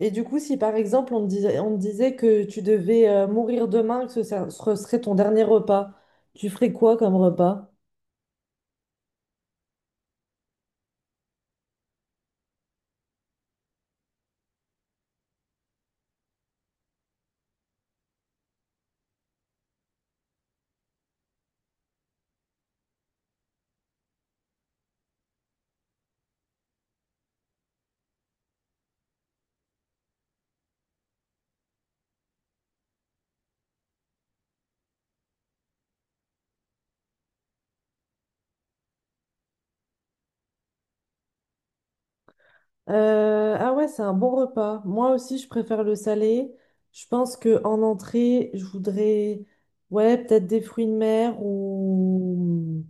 Et du coup, si par exemple on te disait, que tu devais mourir demain, que ce serait ton dernier repas, tu ferais quoi comme repas? Ah ouais, c'est un bon repas. Moi aussi, je préfère le salé. Je pense que en entrée, je voudrais, ouais, peut-être des fruits de mer ou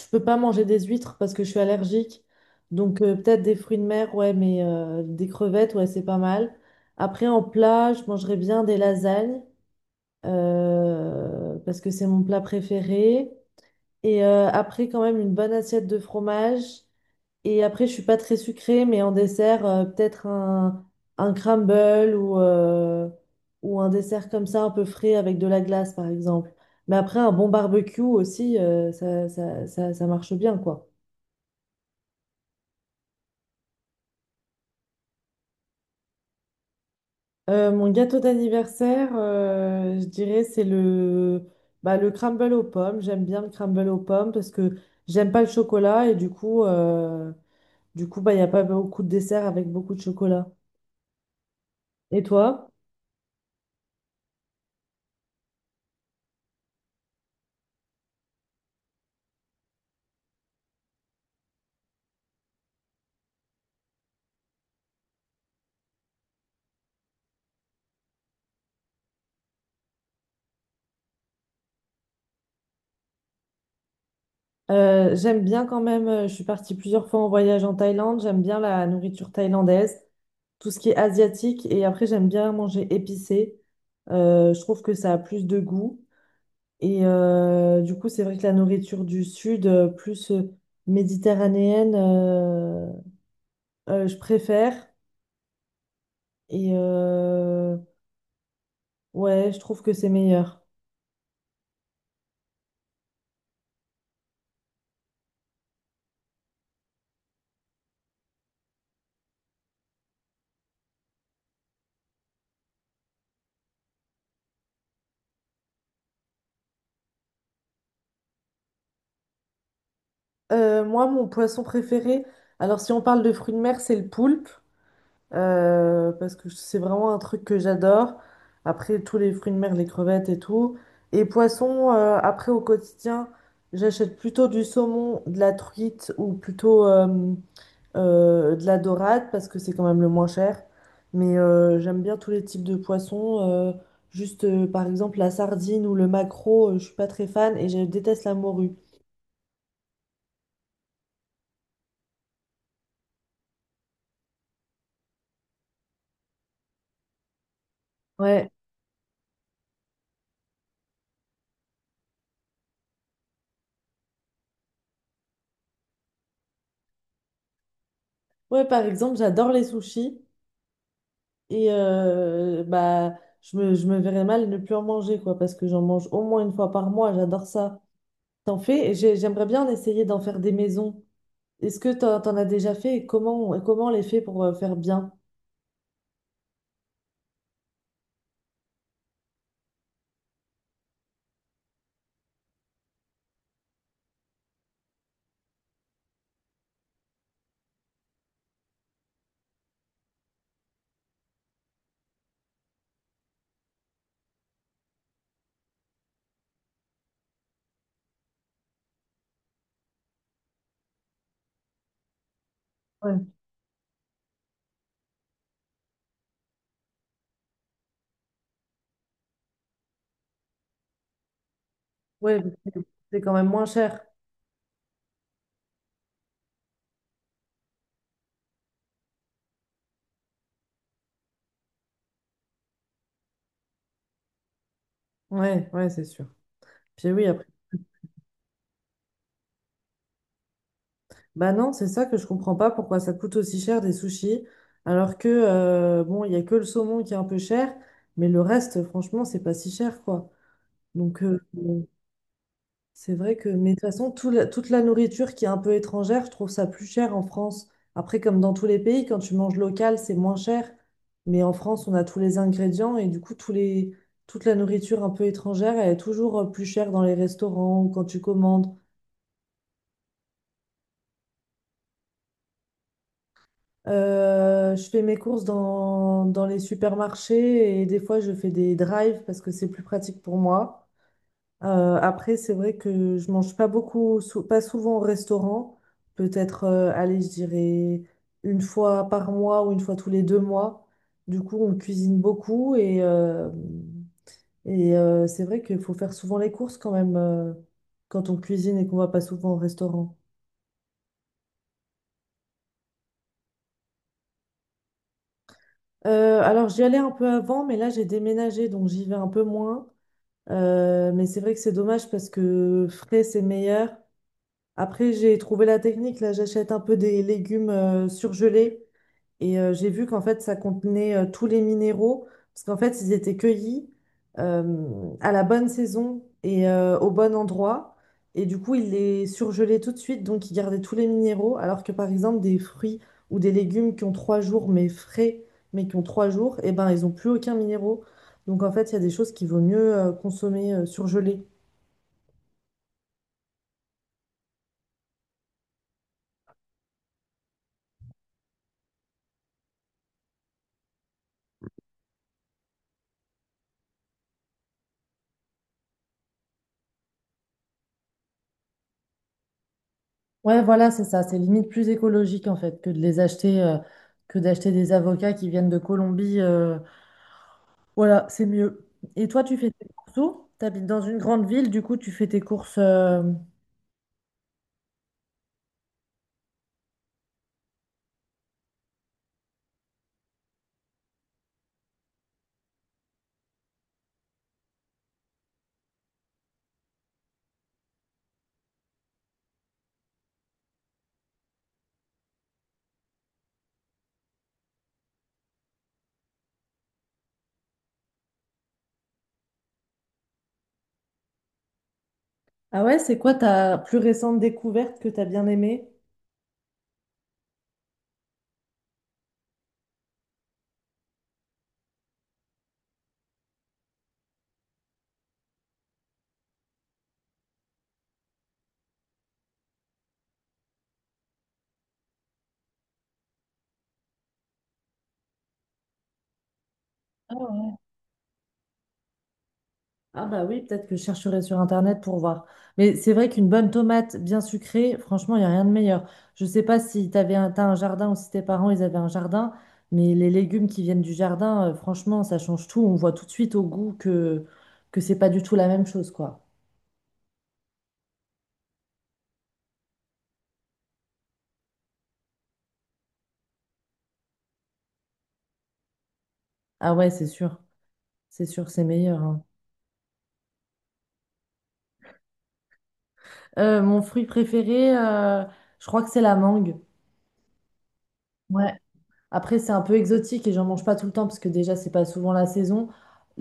je peux pas manger des huîtres parce que je suis allergique. Donc peut-être des fruits de mer, ouais, mais des crevettes, ouais, c'est pas mal. Après, en plat, je mangerais bien des lasagnes, parce que c'est mon plat préféré. Et après, quand même, une bonne assiette de fromage. Et après, je suis pas très sucrée, mais en dessert, peut-être un crumble ou un dessert comme ça, un peu frais avec de la glace, par exemple. Mais après, un bon barbecue aussi, ça marche bien, quoi. Mon gâteau d'anniversaire, je dirais, c'est le, bah, le crumble aux pommes. J'aime bien le crumble aux pommes parce que j'aime pas le chocolat et du coup, bah, il n'y a pas beaucoup de desserts avec beaucoup de chocolat. Et toi? J'aime bien quand même, je suis partie plusieurs fois en voyage en Thaïlande, j'aime bien la nourriture thaïlandaise, tout ce qui est asiatique et après, j'aime bien manger épicé. Je trouve que ça a plus de goût. Et du coup, c'est vrai que la nourriture du sud, plus méditerranéenne, je préfère. Et ouais, je trouve que c'est meilleur. Moi, mon poisson préféré, alors si on parle de fruits de mer, c'est le poulpe, parce que c'est vraiment un truc que j'adore. Après, tous les fruits de mer, les crevettes et tout. Et poisson, après, au quotidien, j'achète plutôt du saumon, de la truite, ou plutôt de la dorade parce que c'est quand même le moins cher. Mais j'aime bien tous les types de poissons, juste par exemple la sardine ou le maquereau, je suis pas très fan et je déteste la morue. Ouais, ouais, par exemple j'adore les sushis et bah je me verrais mal ne plus en manger quoi parce que j'en mange au moins une fois par mois. J'adore ça. T'en fais? Et j'aimerais bien essayer d'en faire des maisons. Est-ce que t'en as déjà fait et et comment on les fait pour faire bien? Ouais, ouais, parce que c'est quand même moins cher. Ouais, ouais, c'est sûr. Puis oui, après. Bah non, c'est ça que je comprends pas pourquoi ça coûte aussi cher des sushis, alors que bon, il y a que le saumon qui est un peu cher, mais le reste, franchement, c'est pas si cher, quoi. Donc bon, c'est vrai que, mais de toute façon, toute la nourriture qui est un peu étrangère, je trouve ça plus cher en France. Après, comme dans tous les pays, quand tu manges local, c'est moins cher. Mais en France, on a tous les ingrédients et du coup, toute la nourriture un peu étrangère, elle est toujours plus chère dans les restaurants ou quand tu commandes. Je fais mes courses dans les supermarchés et des fois je fais des drives parce que c'est plus pratique pour moi. Après, c'est vrai que je mange pas beaucoup, pas souvent au restaurant. Peut-être, allez, je dirais une fois par mois ou une fois tous les deux mois. Du coup, on cuisine beaucoup et c'est vrai qu'il faut faire souvent les courses quand même quand on cuisine et qu'on va pas souvent au restaurant. Alors, j'y allais un peu avant, mais là, j'ai déménagé donc j'y vais un peu moins. Mais c'est vrai que c'est dommage parce que frais, c'est meilleur. Après, j'ai trouvé la technique. Là, j'achète un peu des légumes surgelés. Et j'ai vu qu'en fait, ça contenait tous les minéraux, parce qu'en fait, ils étaient cueillis à la bonne saison et au bon endroit. Et du coup, ils les surgelaient tout de suite, donc ils gardaient tous les minéraux, alors que par exemple, des fruits ou des légumes qui ont trois jours, mais frais, mais qui ont trois jours, et ben, ils n'ont plus aucun minéraux. Donc en fait, il y a des choses qu'il vaut mieux consommer surgelées. Ouais, voilà, c'est ça. C'est limite plus écologique en fait que de les acheter, que d'acheter des avocats qui viennent de Colombie. Voilà, c'est mieux. Et toi, tu fais tes courses où? T'habites dans une grande ville, du coup, tu fais tes courses, ah ouais, c'est quoi ta plus récente découverte que t'as bien aimée? Ah ouais. Ah bah oui, peut-être que je chercherai sur Internet pour voir. Mais c'est vrai qu'une bonne tomate bien sucrée, franchement, il n'y a rien de meilleur. Je sais pas si t'as un jardin ou si tes parents, ils avaient un jardin, mais les légumes qui viennent du jardin, franchement, ça change tout. On voit tout de suite au goût que c'est pas du tout la même chose, quoi. Ah ouais, c'est sûr. C'est sûr, c'est meilleur, hein. Mon fruit préféré, je crois que c'est la mangue. Ouais. Après, c'est un peu exotique et j'en mange pas tout le temps parce que déjà, c'est pas souvent la saison.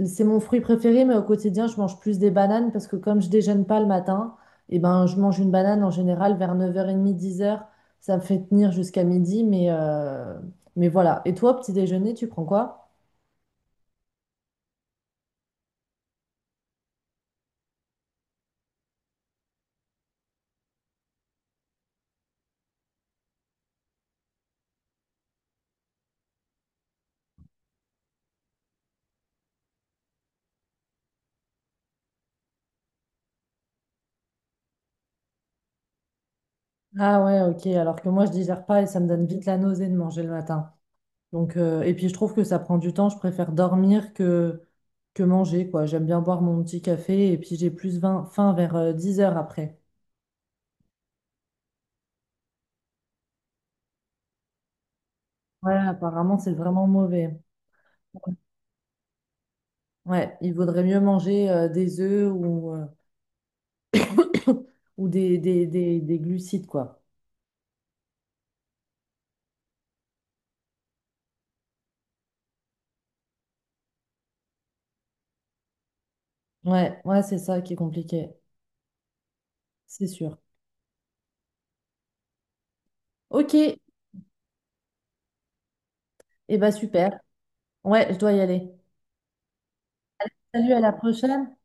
C'est mon fruit préféré, mais au quotidien, je mange plus des bananes parce que comme je déjeune pas le matin, et ben, je mange une banane en général vers 9h30, dix heures. Ça me fait tenir jusqu'à midi, mais voilà. Et toi, petit déjeuner, tu prends quoi? Ah ouais, ok. Alors que moi, je digère pas et ça me donne vite la nausée de manger le matin. Donc, et puis je trouve que ça prend du temps. Je préfère dormir que manger, quoi. J'aime bien boire mon petit café et puis j'ai faim vers 10 heures après. Ouais, apparemment, c'est vraiment mauvais. Ouais, il vaudrait mieux manger des œufs ou, ou des glucides, quoi. Ouais, ouais, c'est ça qui est compliqué, c'est sûr. Ok, et bah super. Ouais, je dois y aller. Salut, à la prochaine.